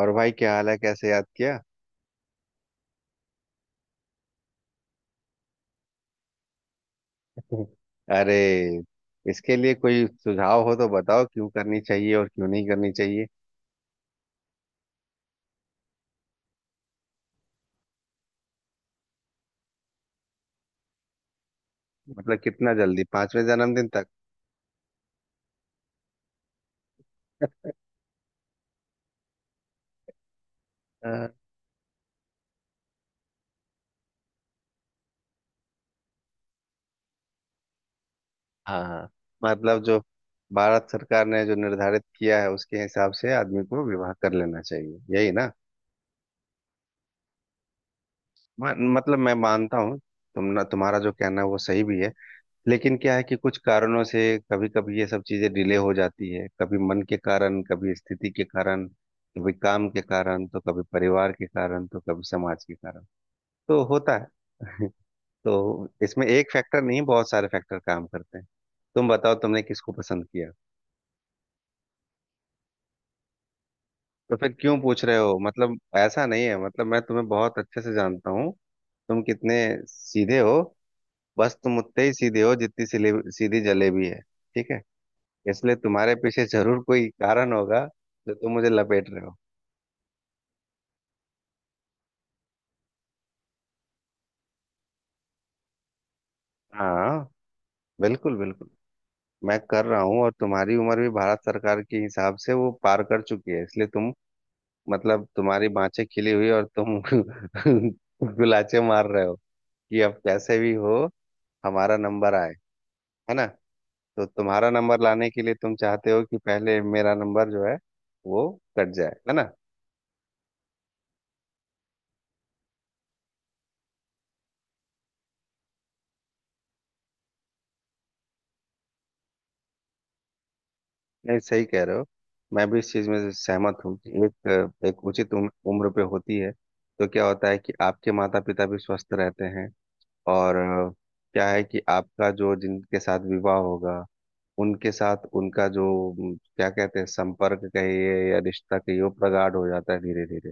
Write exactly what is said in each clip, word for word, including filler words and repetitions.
और भाई क्या हाल है, कैसे याद किया? अरे, इसके लिए कोई सुझाव हो तो बताओ, क्यों करनी चाहिए और क्यों नहीं करनी चाहिए। मतलब कितना जल्दी, पांचवें जन्मदिन तक? अ, हाँ हाँ। मतलब जो भारत सरकार ने जो निर्धारित किया है उसके हिसाब से आदमी को विवाह कर लेना चाहिए, यही ना। म- मतलब मैं मानता हूँ, तुम ना, तुम्हारा जो कहना है वो सही भी है, लेकिन क्या है कि कुछ कारणों से कभी कभी ये सब चीजें डिले हो जाती है। कभी मन के कारण, कभी स्थिति के कारण, कभी काम के कारण, तो कभी परिवार के कारण, तो कभी समाज के कारण तो होता है। तो इसमें एक फैक्टर नहीं, बहुत सारे फैक्टर काम करते हैं। तुम बताओ, तुमने किसको पसंद किया? तो फिर क्यों पूछ रहे हो? मतलब ऐसा नहीं है, मतलब मैं तुम्हें बहुत अच्छे से जानता हूँ। तुम कितने सीधे हो, बस तुम उतने ही सीधे हो जितनी सिले- सीधी जलेबी है। ठीक है, इसलिए तुम्हारे पीछे जरूर कोई कारण होगा। जो तुम मुझे लपेट रहे हो। हाँ, बिल्कुल बिल्कुल। मैं कर रहा हूँ और तुम्हारी उम्र भी भारत सरकार के हिसाब से वो पार कर चुकी है, इसलिए तुम, मतलब तुम्हारी बाँछें खिली हुई और तुम गुलाचे मार रहे हो कि अब कैसे भी हो हमारा नंबर आए, है ना? तो तुम्हारा नंबर लाने के लिए तुम चाहते हो कि पहले मेरा नंबर जो है वो कट जाए, है ना? नहीं, सही कह रहे हो। मैं भी इस चीज में सहमत हूँ कि एक एक उचित उम्र उम्र पे होती है। तो क्या होता है कि आपके माता पिता भी स्वस्थ रहते हैं। और अ, क्या है कि आपका जो जिनके साथ विवाह होगा उनके साथ उनका जो म, क्या कहते हैं, संपर्क कहिए या रिश्ता कहिए, वो प्रगाढ़ हो जाता है धीरे धीरे,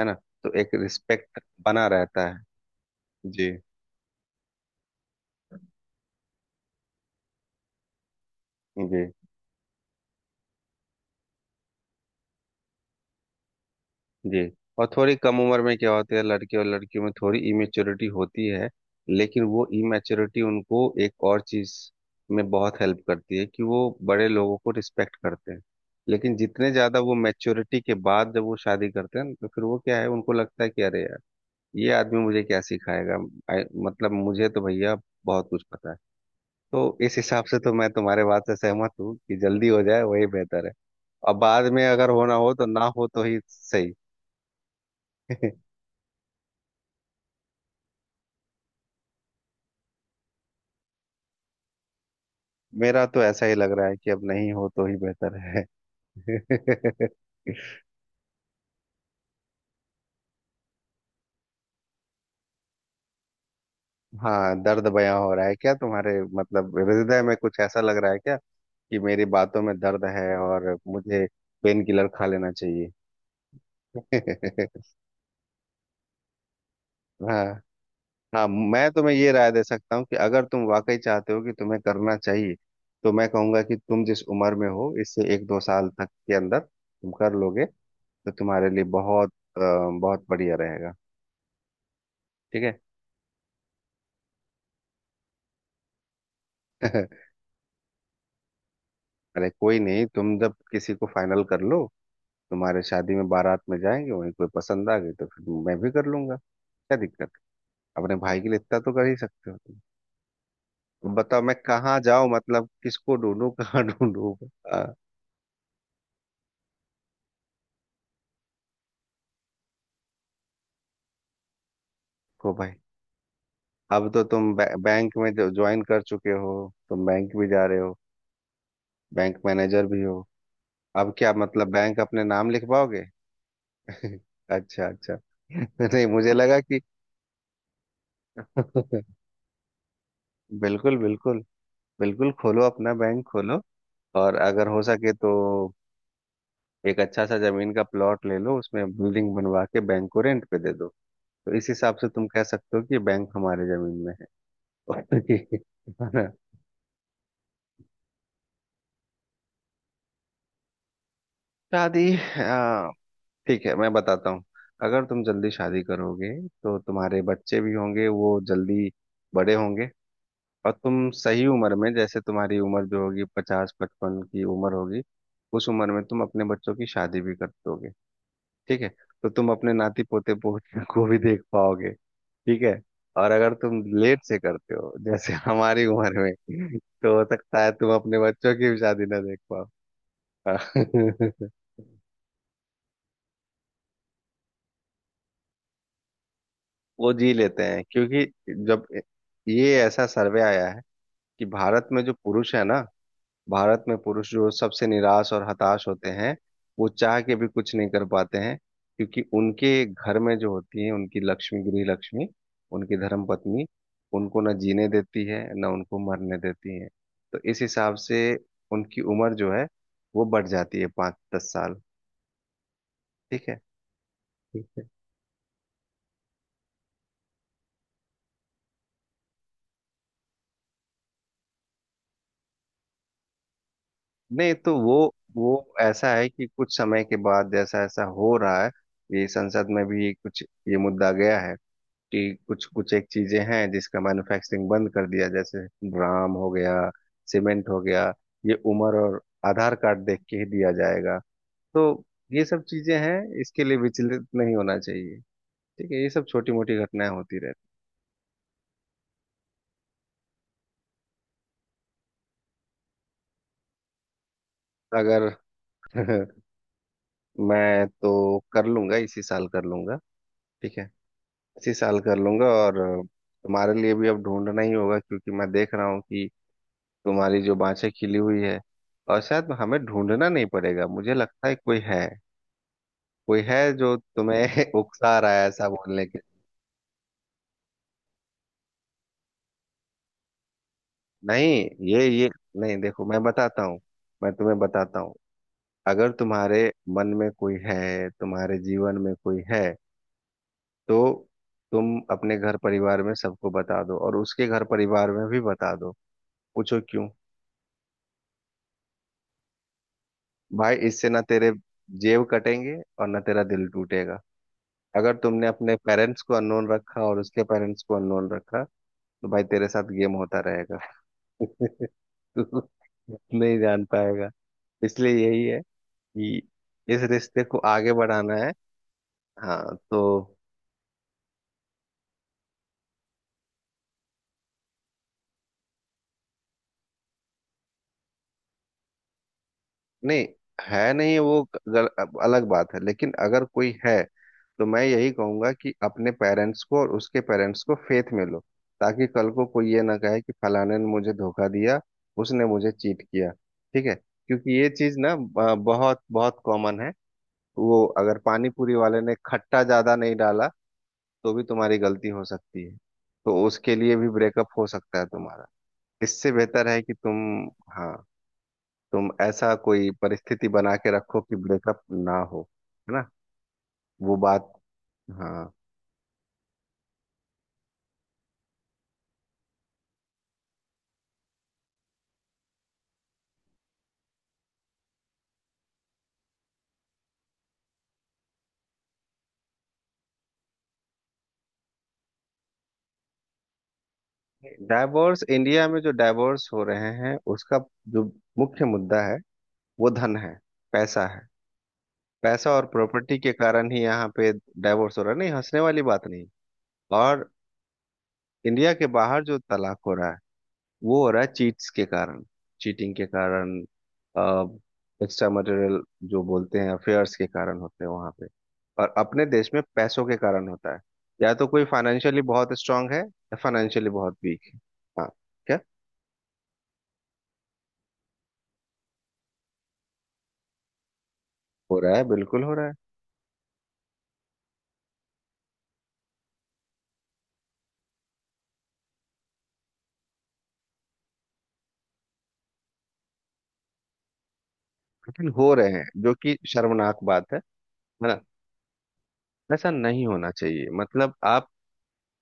है ना? तो एक रिस्पेक्ट बना रहता है। जी। जी। जी। और थोड़ी कम उम्र में क्या होता है, लड़के और लड़कियों में थोड़ी इमेच्योरिटी होती है, लेकिन वो इमेच्योरिटी उनको एक और चीज में बहुत हेल्प करती है कि वो बड़े लोगों को रिस्पेक्ट करते हैं। लेकिन जितने ज्यादा वो मैच्योरिटी के बाद जब वो शादी करते हैं, तो फिर वो क्या है, उनको लगता है कि अरे यार, ये आदमी मुझे क्या सिखाएगा। I- मतलब मुझे तो भैया बहुत कुछ पता है। तो इस हिसाब से तो मैं तुम्हारे बात से सहमत हूँ कि जल्दी हो जाए वही बेहतर है। और बाद में अगर होना हो तो ना हो तो ही सही। मेरा तो ऐसा ही लग रहा है कि अब नहीं हो तो ही बेहतर है। हाँ, दर्द बयां हो रहा है क्या? तुम्हारे मतलब हृदय में कुछ ऐसा लग रहा है क्या कि मेरी बातों में दर्द है और मुझे पेन किलर खा लेना चाहिए? हाँ। हाँ, मैं तुम्हें ये राय दे सकता हूँ कि अगर तुम वाकई चाहते हो कि तुम्हें करना चाहिए, तो मैं कहूंगा कि तुम जिस उम्र में हो इससे एक दो साल तक के अंदर तुम कर लोगे तो तुम्हारे लिए बहुत अ, बहुत बढ़िया रहेगा। ठीक है। अरे कोई नहीं, तुम जब किसी को फाइनल कर लो, तुम्हारे शादी में बारात में जाएंगे, वहीं कोई पसंद आ गई तो फिर मैं भी कर लूंगा, क्या दिक्कत है? अपने भाई के लिए इतना तो कर ही सकते हो तुम। अब बताओ मैं कहाँ जाऊं, मतलब किसको ढूंढूं कहाँ ढूंढूं? आ, को भाई, अब तो तुम बै, बैंक में ज्वाइन कर चुके हो, तुम बैंक भी जा रहे हो, बैंक मैनेजर भी हो, अब क्या मतलब बैंक अपने नाम लिखवाओगे? अच्छा अच्छा। नहीं, मुझे लगा कि बिल्कुल बिल्कुल। बिल्कुल खोलो अपना बैंक खोलो। और अगर हो सके तो एक अच्छा सा जमीन का प्लॉट ले लो, उसमें बिल्डिंग बनवा के बैंक को रेंट पे दे दो। तो इस हिसाब से तुम कह सकते हो कि बैंक हमारे जमीन में है। है ना? शादी, आ, ठीक है मैं बताता हूँ। अगर तुम जल्दी शादी करोगे तो तुम्हारे बच्चे भी होंगे, वो जल्दी बड़े होंगे। और तुम सही उम्र में, जैसे तुम्हारी उम्र जो होगी पचास पचपन की उम्र होगी, उस उम्र में तुम अपने बच्चों की शादी भी कर दोगे। ठीक है। तो तुम अपने नाती पोते पोते को भी देख पाओगे। ठीक है। और अगर तुम लेट से करते हो जैसे हमारी उम्र में, तो हो सकता है तुम अपने बच्चों की भी शादी ना देख पाओ। हाँ। वो जी लेते हैं, क्योंकि जब ये ऐसा सर्वे आया है कि भारत में जो पुरुष है ना, भारत में पुरुष जो सबसे निराश और हताश होते हैं, वो चाह के भी कुछ नहीं कर पाते हैं, क्योंकि उनके घर में जो होती है उनकी लक्ष्मी, गृह लक्ष्मी, उनकी धर्म पत्नी, उनको न जीने देती है, न उनको मरने देती है। तो इस हिसाब से उनकी उम्र जो है वो बढ़ जाती है पाँच दस साल। ठीक है। ठीक है। नहीं तो वो वो ऐसा है कि कुछ समय के बाद जैसा ऐसा हो रहा है, ये संसद में भी कुछ ये मुद्दा गया है कि कुछ कुछ एक चीजें हैं जिसका मैन्युफैक्चरिंग बंद कर दिया, जैसे ड्राम हो गया, सीमेंट हो गया, ये उम्र, और आधार कार्ड देख के ही दिया जाएगा। तो ये सब चीजें हैं, इसके लिए विचलित नहीं होना चाहिए। ठीक है, ये सब छोटी मोटी घटनाएं होती रहती। अगर मैं तो कर लूंगा, इसी साल कर लूंगा। ठीक है। इसी साल कर लूंगा। और तुम्हारे लिए भी अब ढूंढना ही होगा, क्योंकि मैं देख रहा हूँ कि तुम्हारी जो बाँछें खिली हुई है, और शायद हमें ढूंढना नहीं पड़ेगा, मुझे लगता है कोई है। कोई है जो तुम्हें उकसा रहा है ऐसा बोलने के। नहीं, ये ये नहीं, देखो मैं बताता हूँ, मैं तुम्हें बताता हूँ। अगर तुम्हारे मन में कोई है, तुम्हारे जीवन में कोई है, तो तुम अपने घर परिवार में सबको बता दो और उसके घर परिवार में भी बता दो। पूछो क्यों? भाई, इससे ना तेरे जेब कटेंगे और ना तेरा दिल टूटेगा। अगर तुमने अपने पेरेंट्स को अननोन रखा और उसके पेरेंट्स को अननोन रखा, तो भाई तेरे साथ गेम होता रहेगा। तू नहीं जान पाएगा। इसलिए यही है कि इस रिश्ते को आगे बढ़ाना है। हाँ तो नहीं है, नहीं वो गल, अलग बात है। लेकिन अगर कोई है तो मैं यही कहूंगा कि अपने पेरेंट्स को और उसके पेरेंट्स को फेथ में लो, ताकि कल को कोई ये ना कहे कि फलाने ने मुझे धोखा दिया, उसने मुझे चीट किया। ठीक है, क्योंकि ये चीज ना ब- बहुत बहुत कॉमन है। वो अगर पानी पूरी वाले ने खट्टा ज्यादा नहीं डाला तो भी तुम्हारी गलती हो सकती है, तो उसके लिए भी ब्रेकअप हो सकता है तुम्हारा। इससे बेहतर है कि तुम, हाँ, तुम ऐसा कोई परिस्थिति बना के रखो कि ब्रेकअप ना हो, है ना? वो बात। हाँ, डाइवोर्स, इंडिया में जो डाइवोर्स हो रहे हैं उसका जो मुख्य मुद्दा है वो धन है, पैसा है। पैसा और प्रॉपर्टी के कारण ही यहाँ पे डाइवोर्स हो रहा है, नहीं हंसने वाली बात नहीं। और इंडिया के बाहर जो तलाक हो रहा है वो हो रहा है चीट्स के कारण, चीटिंग के कारण, एक्स्ट्रा मटेरियल जो बोलते हैं, अफेयर्स के कारण होते हैं वहां पे, और अपने देश में पैसों के कारण होता है। या तो कोई फाइनेंशियली बहुत स्ट्रांग है या फाइनेंशियली बहुत वीक है। हाँ, क्या? हो रहा है, बिल्कुल हो रहा है। लेकिन हो रहे हैं, जो कि शर्मनाक बात है है ना? ऐसा नहीं होना चाहिए। मतलब आप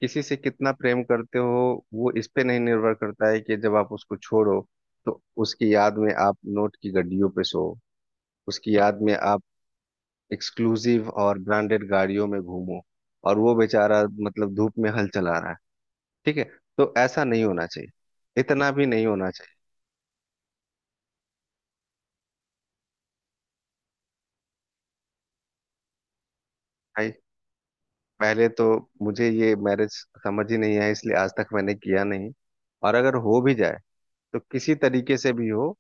किसी से कितना प्रेम करते हो वो इस पे नहीं निर्भर करता है कि जब आप उसको छोड़ो तो उसकी याद में आप नोट की गड्डियों पे सो, उसकी याद में आप एक्सक्लूसिव और ब्रांडेड गाड़ियों में घूमो, और वो बेचारा मतलब धूप में हल चला रहा है। ठीक है, तो ऐसा नहीं होना चाहिए, इतना भी नहीं होना चाहिए। भाई, पहले तो मुझे ये मैरिज समझ ही नहीं है, इसलिए आज तक मैंने किया नहीं। और अगर हो भी जाए तो किसी तरीके से भी हो,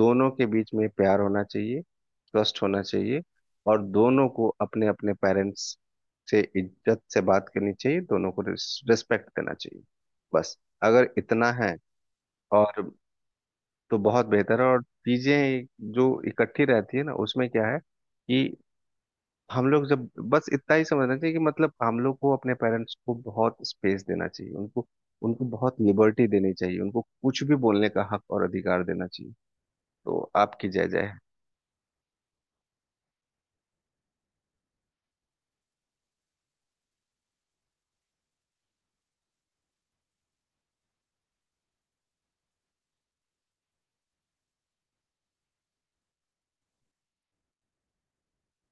दोनों के बीच में प्यार होना चाहिए, ट्रस्ट होना चाहिए, और दोनों को अपने अपने पेरेंट्स से इज्जत से बात करनी चाहिए, दोनों को रिस्पेक्ट देना चाहिए। बस, अगर इतना है और, तो बहुत बेहतर है। और चीजें जो इकट्ठी रहती है ना, उसमें क्या है कि हम लोग जब, बस इतना ही समझना चाहिए कि मतलब हम लोग को अपने पेरेंट्स को बहुत स्पेस देना चाहिए, उनको उनको बहुत लिबर्टी देनी चाहिए, उनको कुछ भी बोलने का हक और अधिकार देना चाहिए, तो आपकी जय जय।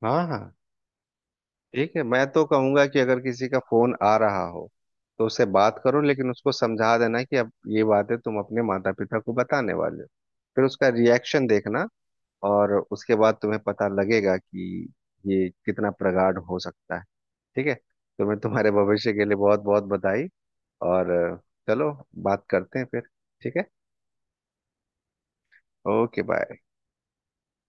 हाँ हाँ, ठीक है। मैं तो कहूंगा कि अगर किसी का फोन आ रहा हो तो उससे बात करो, लेकिन उसको समझा देना कि अब ये बातें तुम अपने माता पिता को बताने वाले हो, फिर उसका रिएक्शन देखना। और उसके बाद तुम्हें पता लगेगा कि ये कितना प्रगाढ़ हो सकता है। ठीक है, तो मैं तुम्हारे भविष्य के लिए बहुत बहुत बधाई। और अ, चलो, बात करते हैं फिर। ठीक है, ओके बाय।